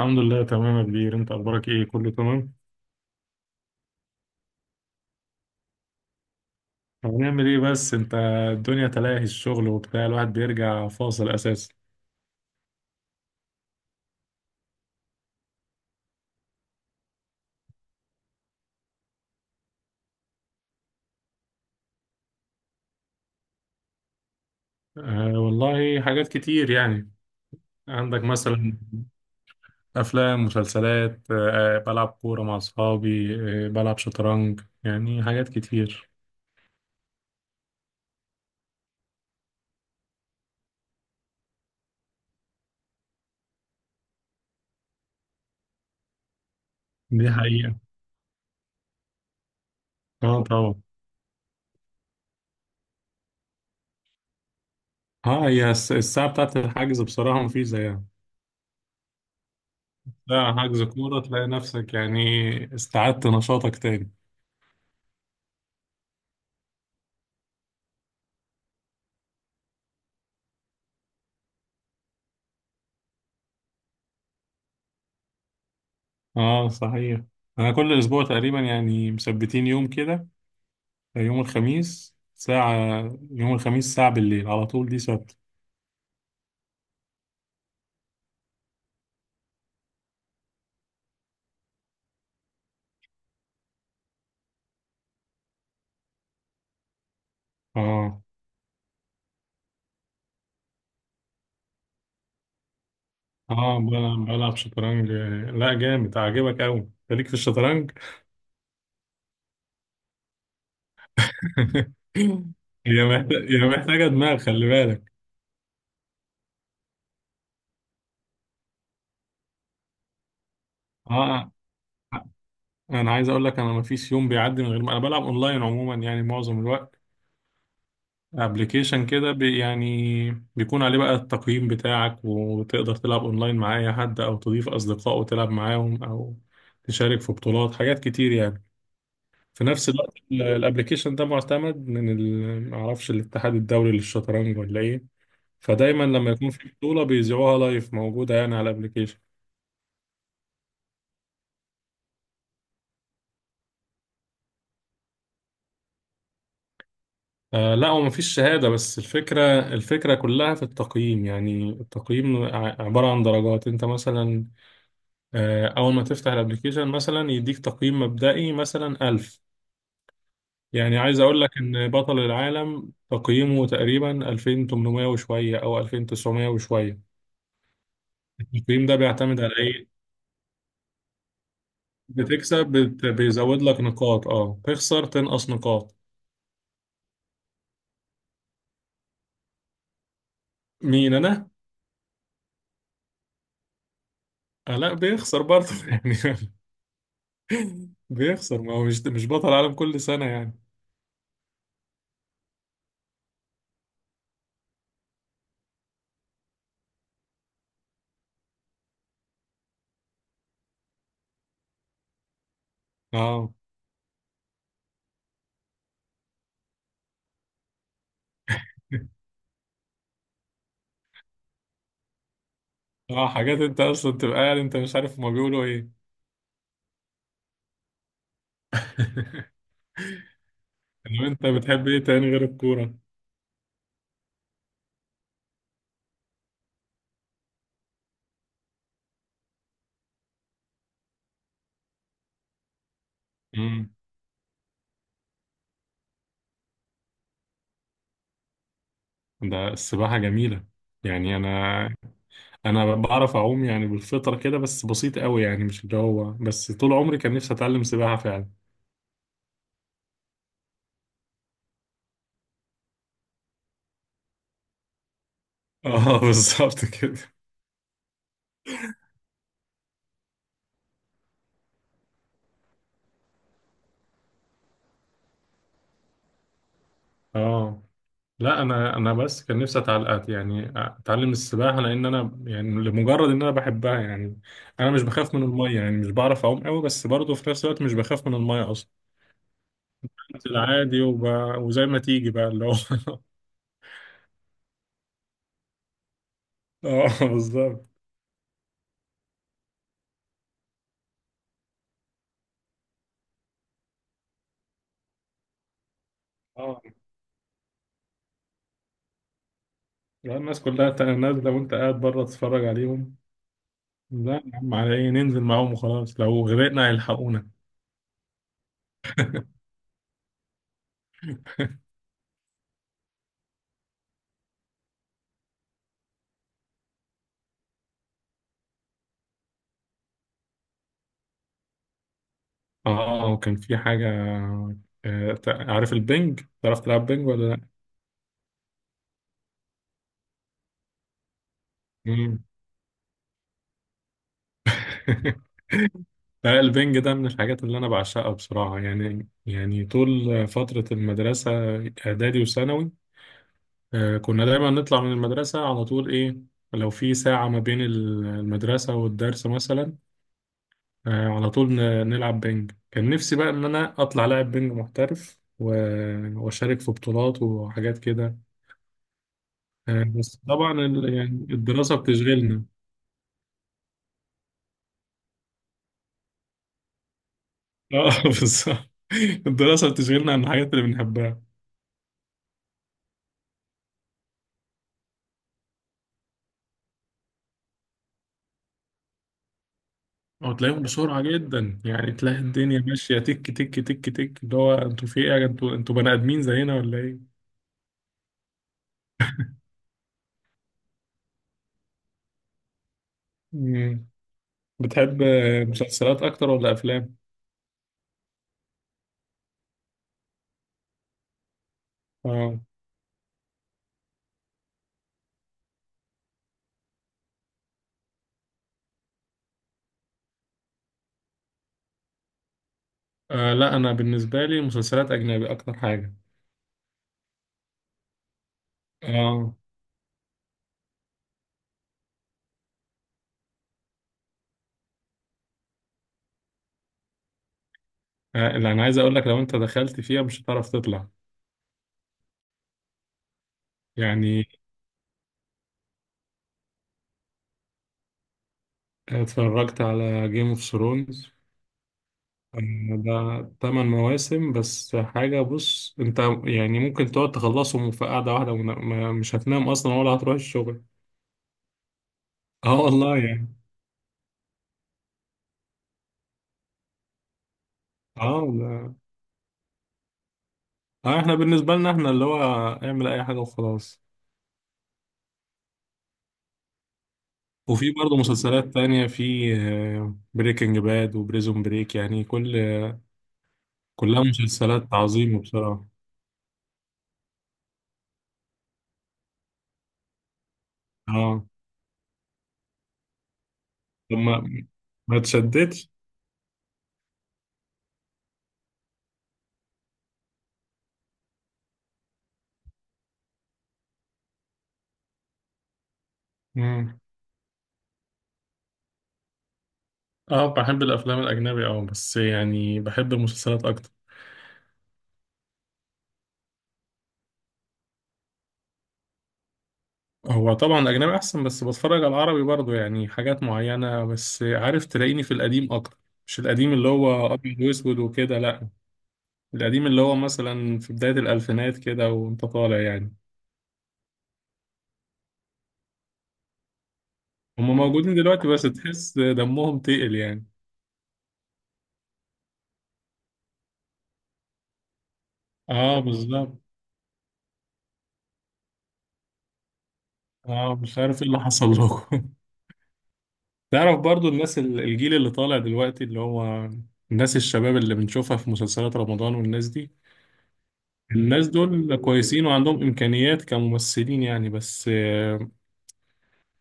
الحمد لله تمام يا كبير، انت اخبارك ايه؟ كله تمام. هنعمل ايه بس انت، الدنيا تلاهي الشغل وبتاع، الواحد بيرجع فاصل اساسا. أه والله حاجات كتير يعني. عندك مثلا افلام، مسلسلات، أه بلعب كورة مع اصحابي، أه بلعب شطرنج، يعني حاجات كتير. دي حقيقة. اه طبعا. اه الساعة بتاعت الحجز بصراحة مفيش زيها. لا حجز كورة تلاقي نفسك يعني استعدت نشاطك تاني. اه صحيح، انا كل اسبوع تقريبا يعني مثبتين يوم كده، يوم الخميس ساعة، يوم الخميس ساعة بالليل على طول، دي ثابتة. اه. اه بلعب شطرنج. لا جامد، عاجبك قوي انت، ليك في الشطرنج. هي محتاجة دماغ، خلي بالك. اه انا عايز اقول لك انا ما فيش يوم بيعدي من غير ما انا بلعب اونلاين، عموما يعني معظم الوقت. ابلكيشن كده بي، يعني بيكون عليه بقى التقييم بتاعك وتقدر تلعب اونلاين مع اي حد، او تضيف اصدقاء وتلعب معاهم، او تشارك في بطولات، حاجات كتير يعني. في نفس الوقت الابلكيشن ده معتمد من معرفش الاتحاد الدولي للشطرنج ولا ايه. فدايما لما يكون في بطولة بيذيعوها لايف، موجودة يعني على الابلكيشن. آه لا، هو مفيش شهادة بس الفكرة، الفكرة كلها في التقييم. يعني التقييم عبارة عن درجات. انت مثلا أول ما تفتح الابليكيشن مثلا يديك تقييم مبدئي مثلا 1000. يعني عايز أقول لك إن بطل العالم تقييمه تقريبا 2800 وشوية أو 2900 وشوية. التقييم ده بيعتمد على إيه؟ بتكسب بيزود لك نقاط، أه تخسر تنقص نقاط. مين أنا؟ آه لا، بيخسر برضه يعني. بيخسر، ما هو مش بطل العالم كل سنة يعني. أه. اه حاجات انت اصلا تبقى قاعد انت مش عارف هما بيقولوا ايه. لو انت بتحب ايه تاني غير الكورة؟ مم. ده السباحة جميلة يعني. أنا، أنا بعرف أعوم يعني بالفطرة كده، بس بسيط قوي، يعني مش اللي هو، بس طول عمري كان نفسي أتعلم سباحة فعلا. اه بالظبط كده. اه لا، أنا بس كان نفسي أتعلم، يعني أتعلم السباحة لأن أنا، يعني لمجرد إن أنا بحبها يعني. أنا مش بخاف من المية، يعني مش بعرف أعوم قوي بس برضه في نفس الوقت مش بخاف من المية أصلا. بنزل عادي وزي ما تيجي بقى اللي هو. اه بالظبط. لو الناس كلها نازلة وأنت قاعد بره تتفرج عليهم، لا يا عم، على إيه؟ ننزل معاهم وخلاص، لو غرقنا هيلحقونا. آه، وكان في حاجة. آه، عارف البنج؟ تعرف تلعب بنج ولا لأ؟ مم. لا، البنج ده من الحاجات اللي أنا بعشقها بصراحة. يعني يعني طول فترة المدرسة، إعدادي وثانوي، آه كنا دايما نطلع من المدرسة على طول إيه، لو في ساعة ما بين المدرسة والدرس مثلا، آه على طول نلعب بينج. كان نفسي بقى ان انا اطلع لاعب بينج محترف واشارك في بطولات وحاجات كده. آه بس طبعا يعني الدراسة بتشغلنا. اه بالظبط، الدراسة بتشغلنا عن الحاجات اللي بنحبها. وتلاقيهم بسرعة جدا، يعني تلاقي الدنيا ماشية تك تك تك تك، اللي هو انتوا في ايه يا انتوا، بني ادمين زينا ولا ايه؟ مم. بتحب آه، مسلسلات اكتر ولا افلام؟ اه. آه لا انا بالنسبة لي مسلسلات اجنبي اكتر حاجة. اه آه، اللي انا عايز اقول لك، لو انت دخلت فيها مش هتعرف تطلع يعني. اتفرجت على جيم اوف ثرونز. ده تمن مواسم بس حاجة، بص انت، يعني ممكن تقعد تخلصهم في قعدة واحدة مش هتنام اصلا ولا هتروح الشغل. اه والله يعني. اه والله. اه احنا بالنسبة لنا احنا اللي هو اعمل اي حاجة وخلاص. وفي برضه مسلسلات تانية، في بريكنج باد وبريزون بريك، يعني كل كلها مسلسلات عظيمة بصراحة. اه طب ما، ما تشدتش. مم. اه بحب الافلام الاجنبي، اه بس يعني بحب المسلسلات اكتر. هو طبعا الاجنبي احسن، بس بتفرج على العربي برضو يعني حاجات معينه. بس عارف، تلاقيني في القديم اكتر، مش القديم اللي هو ابيض واسود وكده لا، القديم اللي هو مثلا في بدايه الالفينات كده وانت طالع يعني. هم موجودين دلوقتي بس تحس دمهم تقل يعني. اه بالظبط، اه مش عارف ايه اللي حصل لكم. تعرف برضو الناس الجيل اللي طالع دلوقتي، اللي هو الناس الشباب اللي بنشوفها في مسلسلات رمضان والناس دي. الناس دول كويسين وعندهم إمكانيات كممثلين يعني، بس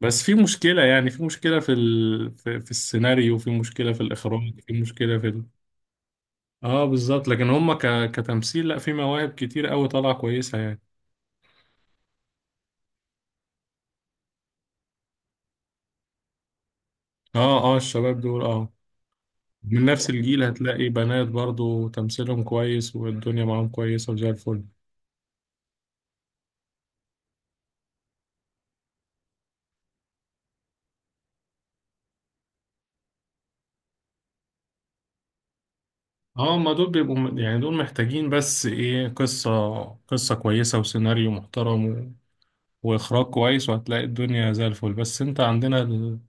بس في مشكلة، يعني في مشكلة في في السيناريو، في مشكلة في الإخراج، في مشكلة في ال... اه بالظبط. لكن هم ك... كتمثيل لا، في مواهب كتير قوي طالعة كويسة يعني. اه، اه الشباب دول اه من نفس الجيل، هتلاقي بنات برضو تمثيلهم كويس والدنيا معاهم كويسة وزي الفل. اه ما دول بيبقوا يعني، دول محتاجين بس ايه، قصة، قصة كويسة وسيناريو محترم واخراج كويس، وهتلاقي الدنيا زي الفل. بس انت عندنا ال...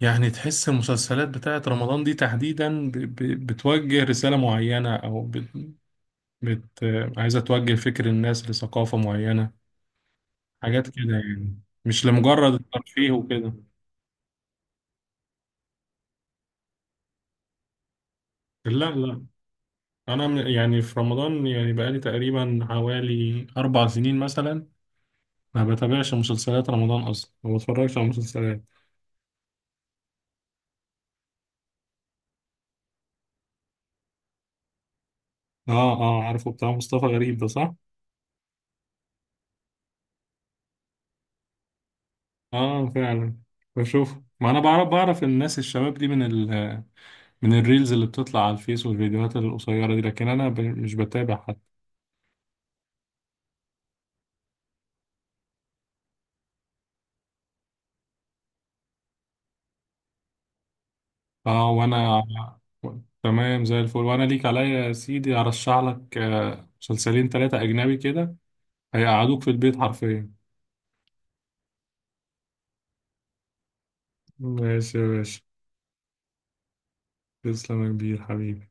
يعني تحس المسلسلات بتاعت رمضان دي تحديدا ب... ب... بتوجه رسالة معينة، او بت... بت... عايزة توجه فكر الناس لثقافة معينة، حاجات كده يعني، مش لمجرد الترفيه وكده. لا انا يعني في رمضان، يعني بقالي تقريبا حوالي 4 سنين مثلا ما بتابعش مسلسلات رمضان اصلا، ما بتفرجش على مسلسلات. اه اه، عارفه، بتاع مصطفى غريب ده صح. اه فعلا، بشوف، ما انا بعرف، بعرف الناس الشباب دي من من الريلز اللي بتطلع على الفيس والفيديوهات القصيرة دي، لكن انا ب... مش بتابع حد. اه وانا تمام زي الفل، وانا ليك عليا يا سيدي ارشح لك آه، مسلسلين ثلاثة اجنبي كده هيقعدوك في البيت حرفيا. ماشي يا باشا، تسلم يا كبير حبيبي.